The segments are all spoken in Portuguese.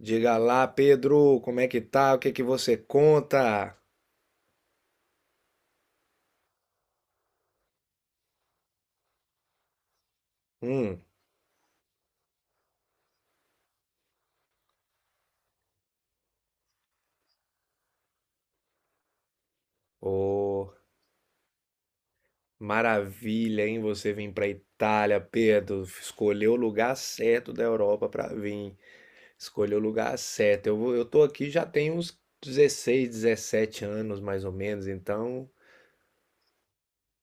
Diga lá, Pedro, como é que tá? O que que você conta? Hum, ô, maravilha, hein? Você vir pra Itália, Pedro. Escolheu o lugar certo da Europa pra vir. Escolheu o lugar certo. Eu tô aqui já tem uns 16, 17 anos, mais ou menos, então.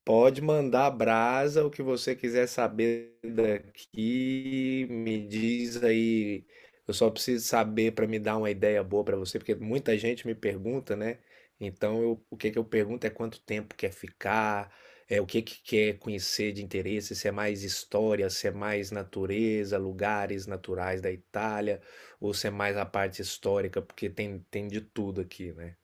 Pode mandar brasa, o que você quiser saber daqui, me diz aí. Eu só preciso saber para me dar uma ideia boa para você, porque muita gente me pergunta, né? Então, o que que eu pergunto é quanto tempo quer ficar, é o que que quer conhecer de interesse, se é mais história, se é mais natureza, lugares naturais da Itália, ou se é mais a parte histórica, porque tem de tudo aqui, né?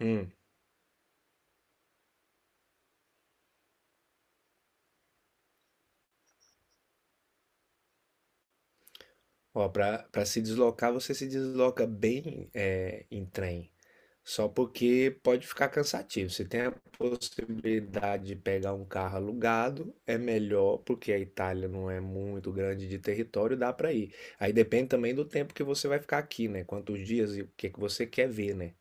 Hum. Ó, para se deslocar, você se desloca bem em trem, só porque pode ficar cansativo. Se tem a possibilidade de pegar um carro alugado, é melhor, porque a Itália não é muito grande de território, dá para ir. Aí depende também do tempo que você vai ficar aqui, né? Quantos dias e o que que você quer ver, né?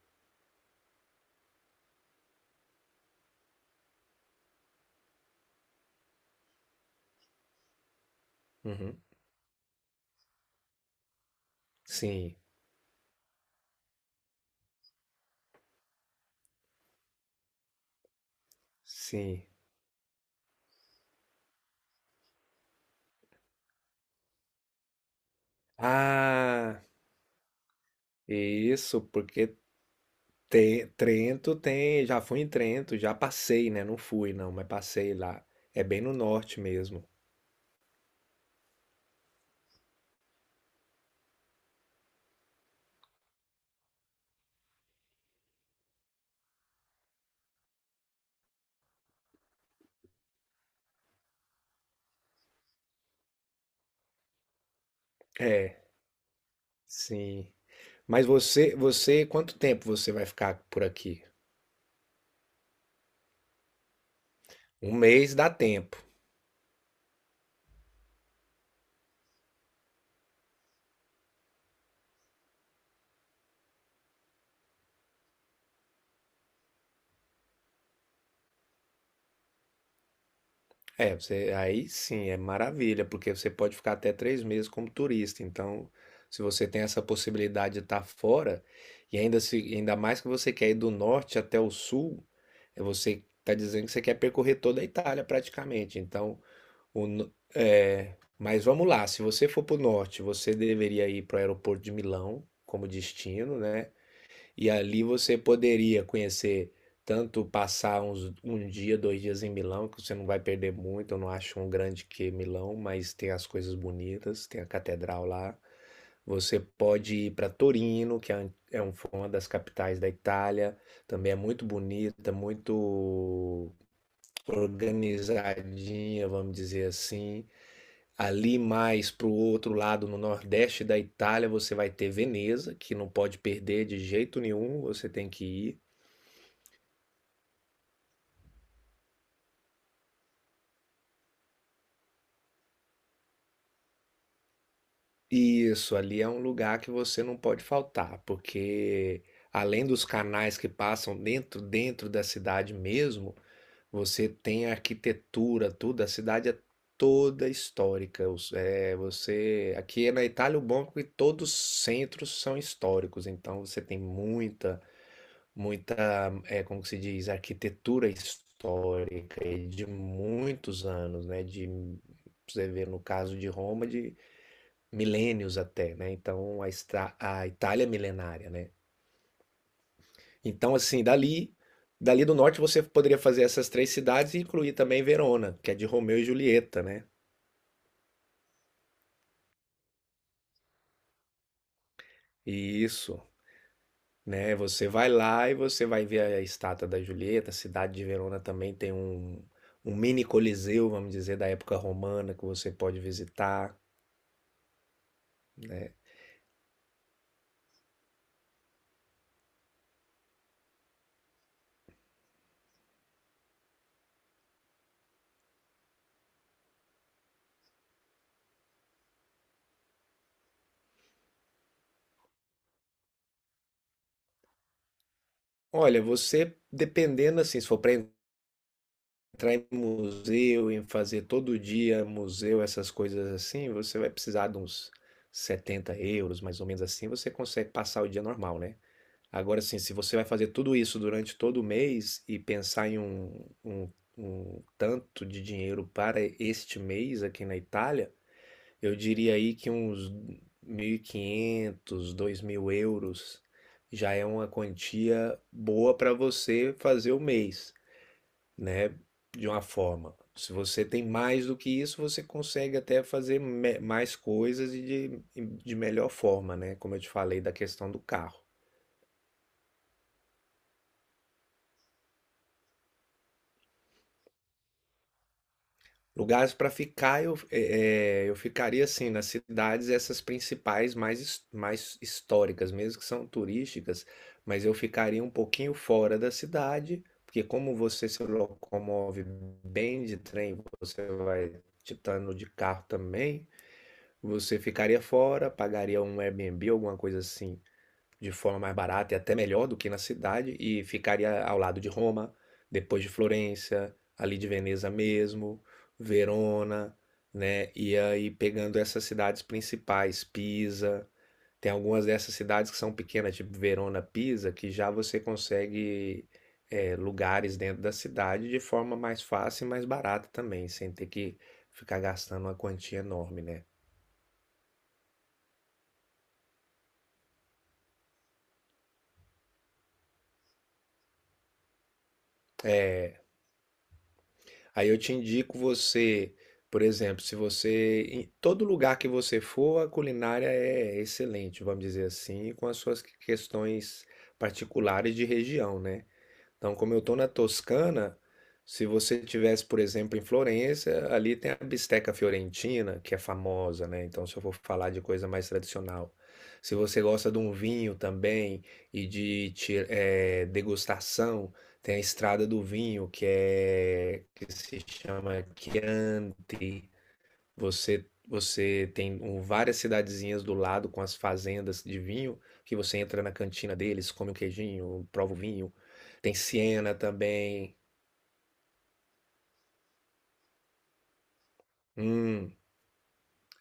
Uhum. Sim, sim. Ah, isso, porque Trento tem, já fui em Trento, já passei, né? Não fui não, mas passei lá. É bem no norte mesmo. É, sim. Mas você, quanto tempo você vai ficar por aqui? Um mês dá tempo. É, você, aí sim, é maravilha, porque você pode ficar até 3 meses como turista. Então, se você tem essa possibilidade de estar fora, e ainda se, ainda mais que você quer ir do norte até o sul, você está dizendo que você quer percorrer toda a Itália praticamente. Então, O no- é, mas vamos lá, se você for para o norte, você deveria ir para o aeroporto de Milão como destino, né? E ali você poderia conhecer, tanto passar um dia, 2 dias em Milão, que você não vai perder muito. Eu não acho um grande que Milão, mas tem as coisas bonitas, tem a catedral lá. Você pode ir para Torino, que foi uma das capitais da Itália. Também é muito bonita, muito organizadinha, vamos dizer assim. Ali mais para o outro lado, no nordeste da Itália, você vai ter Veneza, que não pode perder de jeito nenhum, você tem que ir. E isso, ali é um lugar que você não pode faltar, porque além dos canais que passam dentro da cidade mesmo, você tem a arquitetura, tudo, a cidade é toda histórica. É, você aqui é na Itália. O bom é que todos os centros são históricos, então você tem muita muita, como que se diz, arquitetura histórica e de muitos anos, né? De, você vê no caso de Roma, de milênios até, né? Então, a Itália é milenária, né? Então, assim, dali do norte você poderia fazer essas três cidades e incluir também Verona, que é de Romeu e Julieta, né? E isso. Né? Você vai lá e você vai ver a estátua da Julieta. A cidade de Verona também tem um mini coliseu, vamos dizer, da época romana que você pode visitar, né? Olha, você dependendo assim, se for para entrar em museu, em fazer todo dia museu, essas coisas assim, você vai precisar de uns 70 euros, mais ou menos assim, você consegue passar o dia normal, né? Agora, assim, se você vai fazer tudo isso durante todo o mês e pensar em um tanto de dinheiro para este mês aqui na Itália, eu diria aí que uns 1.500 2.000 euros já é uma quantia boa para você fazer o mês, né? De uma forma. Se você tem mais do que isso, você consegue até fazer mais coisas e de melhor forma, né? Como eu te falei da questão do carro. Lugares para ficar, eu ficaria assim, nas cidades, essas principais, mais históricas, mesmo que são turísticas, mas eu ficaria um pouquinho fora da cidade, porque como você se locomove bem de trem, você vai titando de carro também, você ficaria fora, pagaria um Airbnb, alguma coisa assim, de forma mais barata e até melhor do que na cidade, e ficaria ao lado de Roma, depois de Florença, ali de Veneza mesmo, Verona, né? E aí pegando essas cidades principais, Pisa, tem algumas dessas cidades que são pequenas, tipo Verona, Pisa, que já você consegue lugares dentro da cidade de forma mais fácil e mais barata também, sem ter que ficar gastando uma quantia enorme, né? É, Aí eu te indico você, por exemplo, se você, em todo lugar que você for, a culinária é excelente, vamos dizer assim, com as suas questões particulares de região, né? Então, como eu estou na Toscana, se você tivesse, por exemplo, em Florença, ali tem a bisteca fiorentina, que é famosa, né? Então, se eu for falar de coisa mais tradicional. Se você gosta de um vinho também e de degustação, tem a Estrada do Vinho, que é que se chama Chianti. Você tem várias cidadezinhas do lado com as fazendas de vinho, que você entra na cantina deles, come o queijinho, prova o vinho. Tem Siena também. Hum,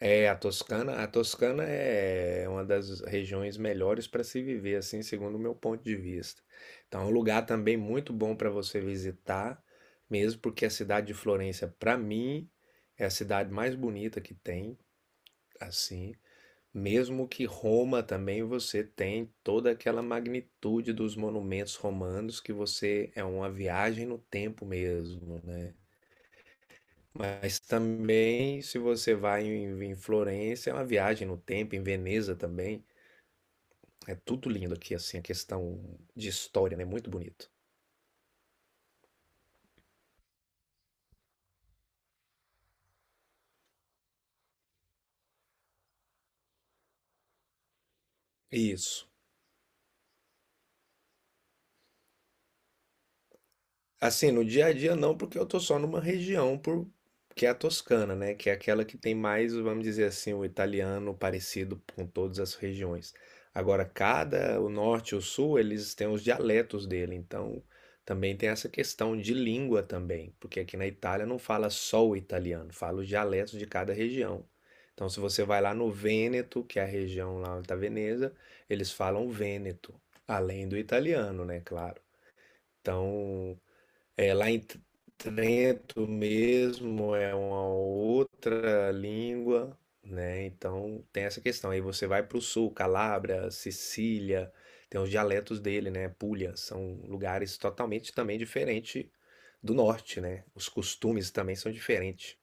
é a Toscana. A Toscana é uma das regiões melhores para se viver, assim, segundo o meu ponto de vista. Então, é um lugar também muito bom para você visitar, mesmo porque a cidade de Florença, para mim, é a cidade mais bonita que tem, assim. Mesmo que Roma também você tem toda aquela magnitude dos monumentos romanos que você é uma viagem no tempo mesmo, né? Mas também se você vai em Florença, é uma viagem no tempo, em Veneza também. É tudo lindo aqui, assim, a questão de história, né? Muito bonito. Isso. Assim, no dia a dia não, porque eu tô só numa região por... que é a Toscana, né? Que é aquela que tem mais, vamos dizer assim, o italiano parecido com todas as regiões. Agora, o norte e o sul, eles têm os dialetos dele, então também tem essa questão de língua também, porque aqui na Itália não fala só o italiano, fala os dialetos de cada região. Então, se você vai lá no Vêneto, que é a região lá da Veneza, eles falam Vêneto, além do italiano, né? Claro. Então, lá em Trento mesmo é uma outra língua, né? Então tem essa questão. Aí você vai para o sul, Calábria, Sicília, tem os dialetos dele, né? Puglia, são lugares totalmente também diferentes do norte, né? Os costumes também são diferentes.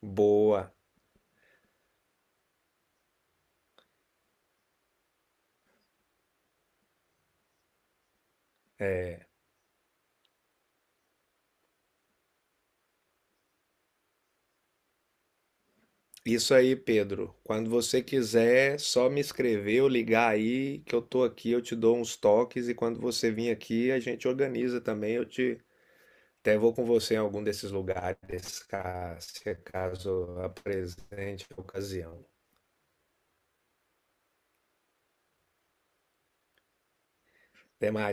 Boa. Isso aí, Pedro. Quando você quiser, só me escrever ou ligar aí que eu tô aqui, eu te dou uns toques e quando você vir aqui, a gente organiza também, eu te até vou com você em algum desses lugares, se caso apresente a ocasião. Até mais.